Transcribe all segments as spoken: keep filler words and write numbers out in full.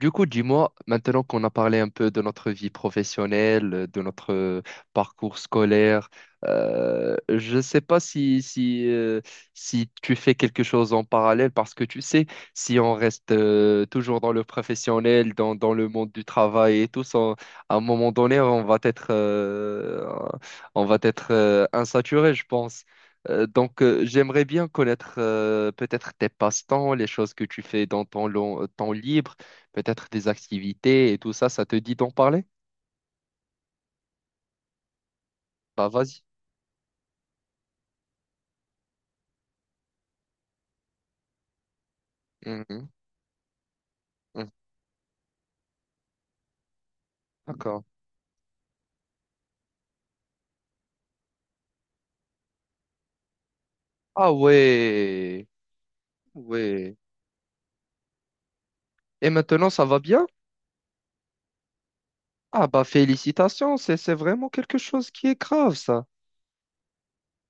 Du coup, dis-moi, maintenant qu'on a parlé un peu de notre vie professionnelle, euh, de notre euh, parcours scolaire, euh, je ne sais pas si, si, euh, si tu fais quelque chose en parallèle, parce que tu sais, si on reste euh, toujours dans le professionnel, dans, dans le monde du travail et tout, ça, à un moment donné, on va être, euh, on va être euh, insaturé, je pense. Euh, donc, euh, j'aimerais bien connaître euh, peut-être tes passe-temps, les choses que tu fais dans ton long- temps libre, peut-être des activités et tout ça, ça te dit d'en parler? Bah vas-y. Mhm. Mhm. D'accord. Ah ouais, ouais. Et maintenant, ça va bien? Ah bah félicitations, c'est c'est vraiment quelque chose qui est grave, ça.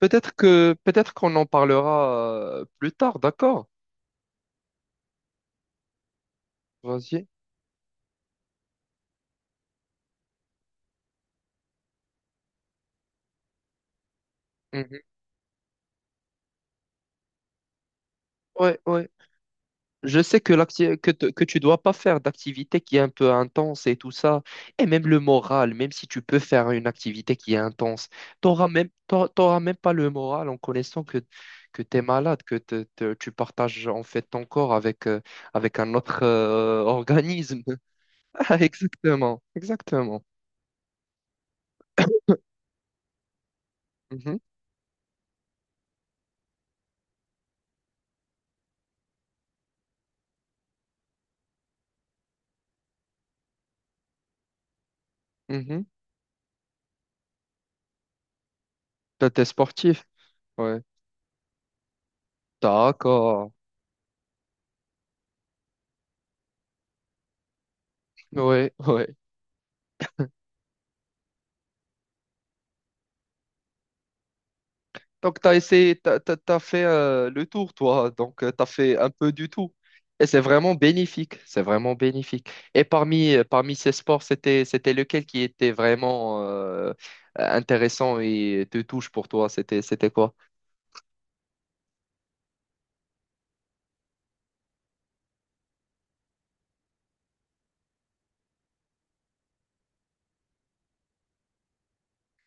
Peut-être que peut-être qu'on en parlera euh, plus tard, d'accord? Vas-y. Mhm. Ouais, ouais. Je sais que, l'acti- que, te- que tu dois pas faire d'activité qui est un peu intense et tout ça. Et même le moral, même si tu peux faire une activité qui est intense, t'auras même, t'auras t'auras même pas le moral en connaissant que, que tu es malade, que te- te- tu partages en fait ton corps avec, euh, avec un autre euh, organisme. Ah, exactement, exactement. Mhm. Mhm. Toi, t'es sportif. Ouais. D'accord. Ouais, ouais. Donc, tu as essayé, t'as, t'as- t'as fait euh, le tour, toi. Donc, tu as fait un peu du tout. Et c'est vraiment bénéfique. C'est vraiment bénéfique. Et parmi, euh, parmi ces sports, c'était, c'était lequel qui était vraiment euh, intéressant et te touche pour toi? C'était, c'était quoi?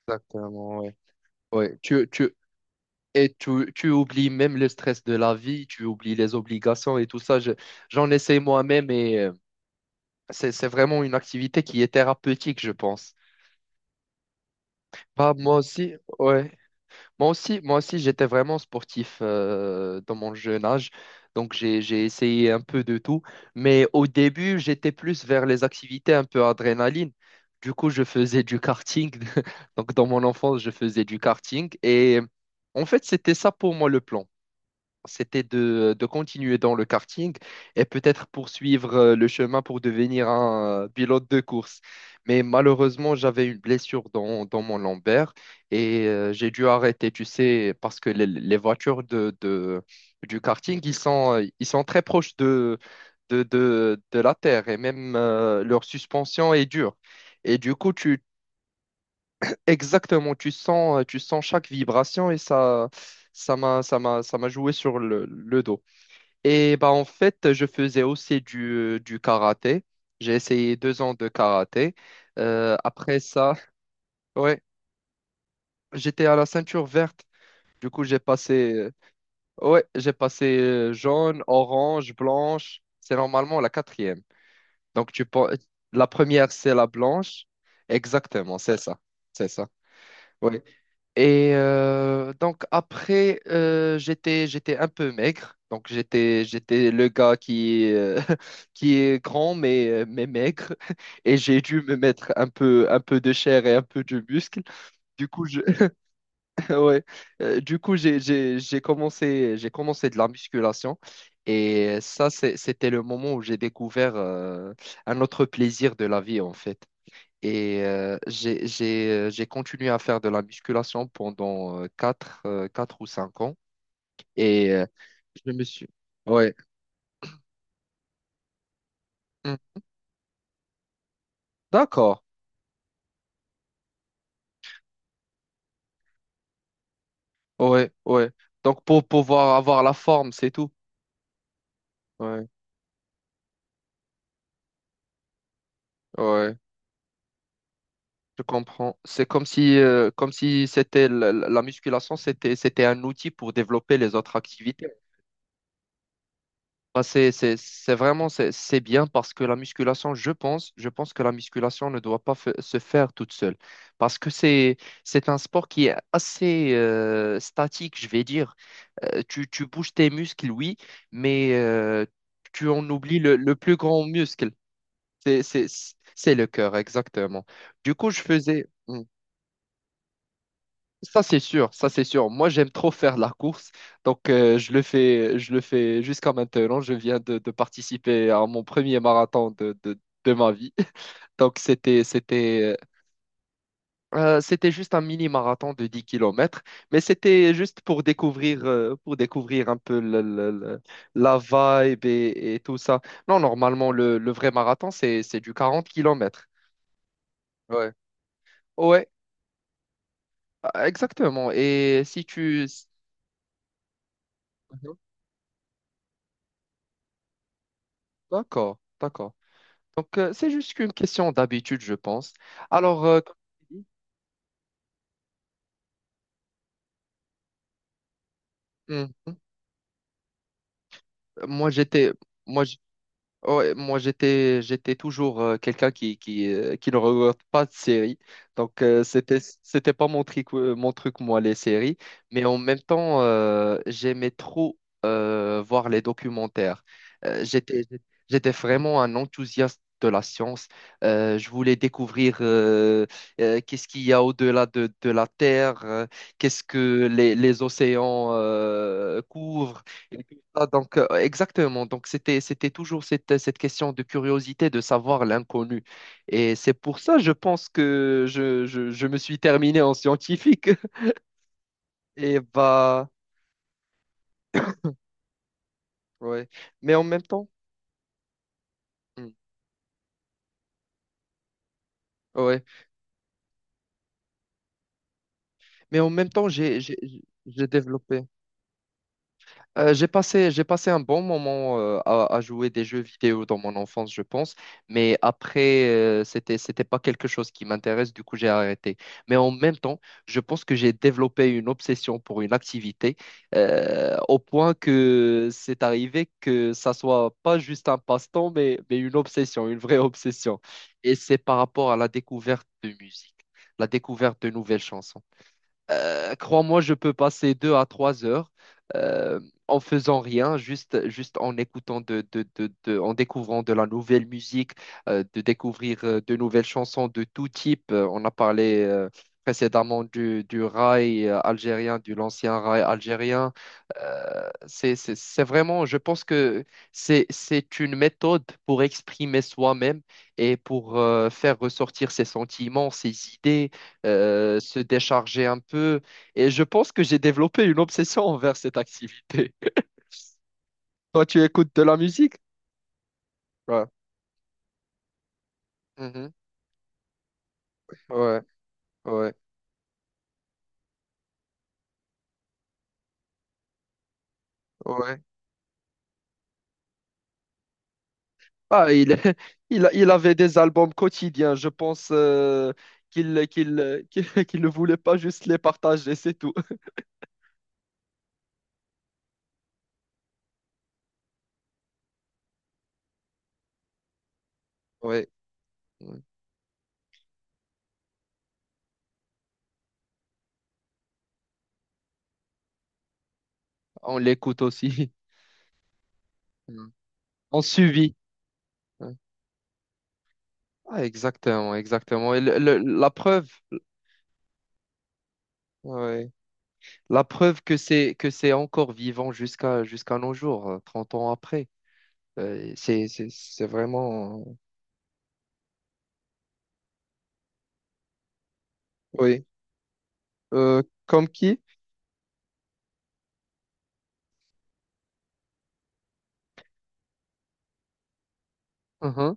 Exactement, ouais. Ouais. Tu, tu, et tu, tu oublies même le stress de la vie, tu oublies les obligations et tout ça. Je- j'en essaie moi-même et euh, c'est, c'est vraiment une activité qui est thérapeutique, je pense. Bah, moi aussi, ouais. Moi aussi, moi aussi, j'étais vraiment sportif euh, dans mon jeune âge, donc j'ai j'ai essayé un peu de tout. Mais au début, j'étais plus vers les activités un peu adrénaline. Du coup, je faisais du karting. Donc dans mon enfance, je faisais du karting et en fait, c'était ça pour moi le plan, c'était de, de continuer dans le karting et peut-être poursuivre euh, le chemin pour devenir un euh, pilote de course. Mais malheureusement, j'avais une blessure dans, dans mon lombaire et euh, j'ai dû arrêter, tu sais, parce que les, les voitures de, de- du karting, ils sont, euh, ils sont très proches de, de, de, de la terre et même euh, leur suspension est dure. Et du coup, tu, exactement, tu sens, euh, tu sens chaque vibration et ça, ça m'a, ça m'a, ça m'a joué sur le le dos. Et bah en fait, je faisais aussi du, euh, du karaté. J'ai essayé deux ans de karaté. Euh, après ça, ouais, j'étais à la ceinture verte. Du coup, j'ai passé, euh, ouais, j'ai passé euh, jaune, orange, blanche. C'est normalement la quatrième. Donc tu pen- la première, c'est la blanche. Exactement, c'est ça, c'est ça. Ouais. Et euh, donc après, euh, j'étais j'étais un peu maigre. Donc j'étais j'étais le gars qui euh, qui est grand mais euh, mais maigre. Et j'ai dû me mettre un peu un peu de chair et un peu de muscle. Du coup je ouais. Euh, du coup j'ai j'ai j'ai commencé j'ai commencé de la musculation. Et ça c'est- c'était le moment où j'ai découvert euh, un autre plaisir de la vie en fait. Et euh, j'ai, j'ai, euh, j'ai continué à faire de la musculation pendant euh, quatre ou cinq ans. Et euh, je me suis... Ouais. Hmm. D'accord. Ouais, ouais. Donc pour pouvoir avoir la forme, c'est tout. Ouais, ouais. Je comprends. C'est comme si, euh, comme si c'était la, la- la musculation, c'était, c'était un outil pour développer les autres activités. Bah, c'est, c'est, c'est vraiment c'est c'est bien parce que la musculation, je pense, je pense que la musculation ne doit pas fa- se faire toute seule parce que c'est c'est un sport qui est assez euh, statique, je vais dire. Euh, tu, tu bouges tes muscles, oui, mais euh, tu en oublies le, le plus grand muscle, c'est c'est- c'est le cœur, exactement. Du coup, je faisais, hmm. Ça, c'est sûr, ça, c'est sûr. Moi, j'aime trop faire la course, donc euh, je le fais, je le fais jusqu'à maintenant. Je viens de, de participer à mon premier marathon de, de, de ma vie. Donc, c'était, c'était, euh, euh, c'était juste un mini-marathon de dix kilomètres, mais c'était juste pour découvrir, euh, pour découvrir un peu le- le- le- la vibe et, et tout ça. Non, normalement, le, le vrai marathon, c'est, c'est du quarante kilomètres. Ouais. Ouais, exactement. Et si tu... Mhm. D'accord, d'accord. Donc, euh, c'est juste qu'une question d'habitude, je pense. Alors, euh, comme tu dis, mhm, moi, j'étais, moi, ouais, moi j'étais j'étais toujours euh, quelqu'un qui qui, euh, qui ne regarde pas de séries. Donc euh, c'était c'était pas mon truc, euh, mon truc moi les séries, mais en même temps euh, j'aimais trop euh, voir les documentaires. Euh, j'étais j'étais vraiment un enthousiaste de la science. Euh, je voulais découvrir euh, euh, qu'est-ce qu'il y a au-delà de, de la Terre, euh, qu'est-ce que les, les océans euh, couvrent. Ah, donc, euh, exactement. Donc, c'était, c'était toujours cette, cette question de curiosité de savoir l'inconnu. Et c'est pour ça, je pense que je, je, je me suis terminé en scientifique. Et bah, ouais. Mais en même temps, hmm, ouais. Mais en même temps, j'ai, j'ai, j'ai développé. Euh, j'ai passé, j'ai passé un bon moment euh, à, à jouer des jeux vidéo dans mon enfance, je pense, mais après, euh, c'était, c'était pas quelque chose qui m'intéresse, du coup, j'ai arrêté. Mais en même temps, je pense que j'ai développé une obsession pour une activité euh, au point que c'est arrivé que ça soit pas juste un passe-temps, mais, mais une obsession, une vraie obsession. Et c'est par rapport à la découverte de musique, la découverte de nouvelles chansons. Euh, crois-moi, je peux passer deux à trois heures euh, en faisant rien, juste, juste en écoutant de, de, de, de- en découvrant de la nouvelle musique, euh, de découvrir euh, de nouvelles chansons de tout type. Euh, on a parlé euh, précédemment du, du rail euh, algérien, de l'ancien rail algérien. Euh, c'est, c'est, c'est vraiment, je pense que c'est, c'est une méthode pour exprimer soi-même et pour euh, faire ressortir ses sentiments, ses idées, euh, se décharger un peu. Et je pense que j'ai développé une obsession envers cette activité. Toi, tu écoutes de la musique? Ouais. Mhm. Ouais, ouais, ouais. Ah, il, est- il, a- il avait des albums quotidiens. Je pense euh, qu'il qu'il, euh, qu'il, qu'il ne voulait pas juste les partager, c'est tout. Ouais. Ouais. On l'écoute aussi. Mm. On suivit. Ouais. Ah, exactement, exactement. Et le- le- la preuve. Ouais. La preuve que c'est que c'est encore vivant jusqu'à jusqu'à nos jours, euh, trente ans après. Euh, c'est c'est c'est vraiment oui. Euh, comme qui? Mhm.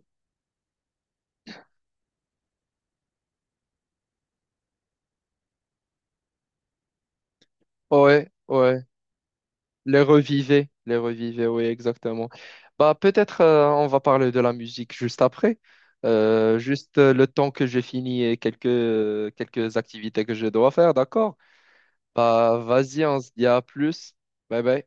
Ouais, ouais. Les revivez, les revivez, oui, exactement. Bah peut-être euh, on va parler de la musique juste après. Euh, juste euh, le temps que j'ai fini et quelques quelques activités que je dois faire, d'accord? Bah vas-y, on se dit à plus. Bye bye.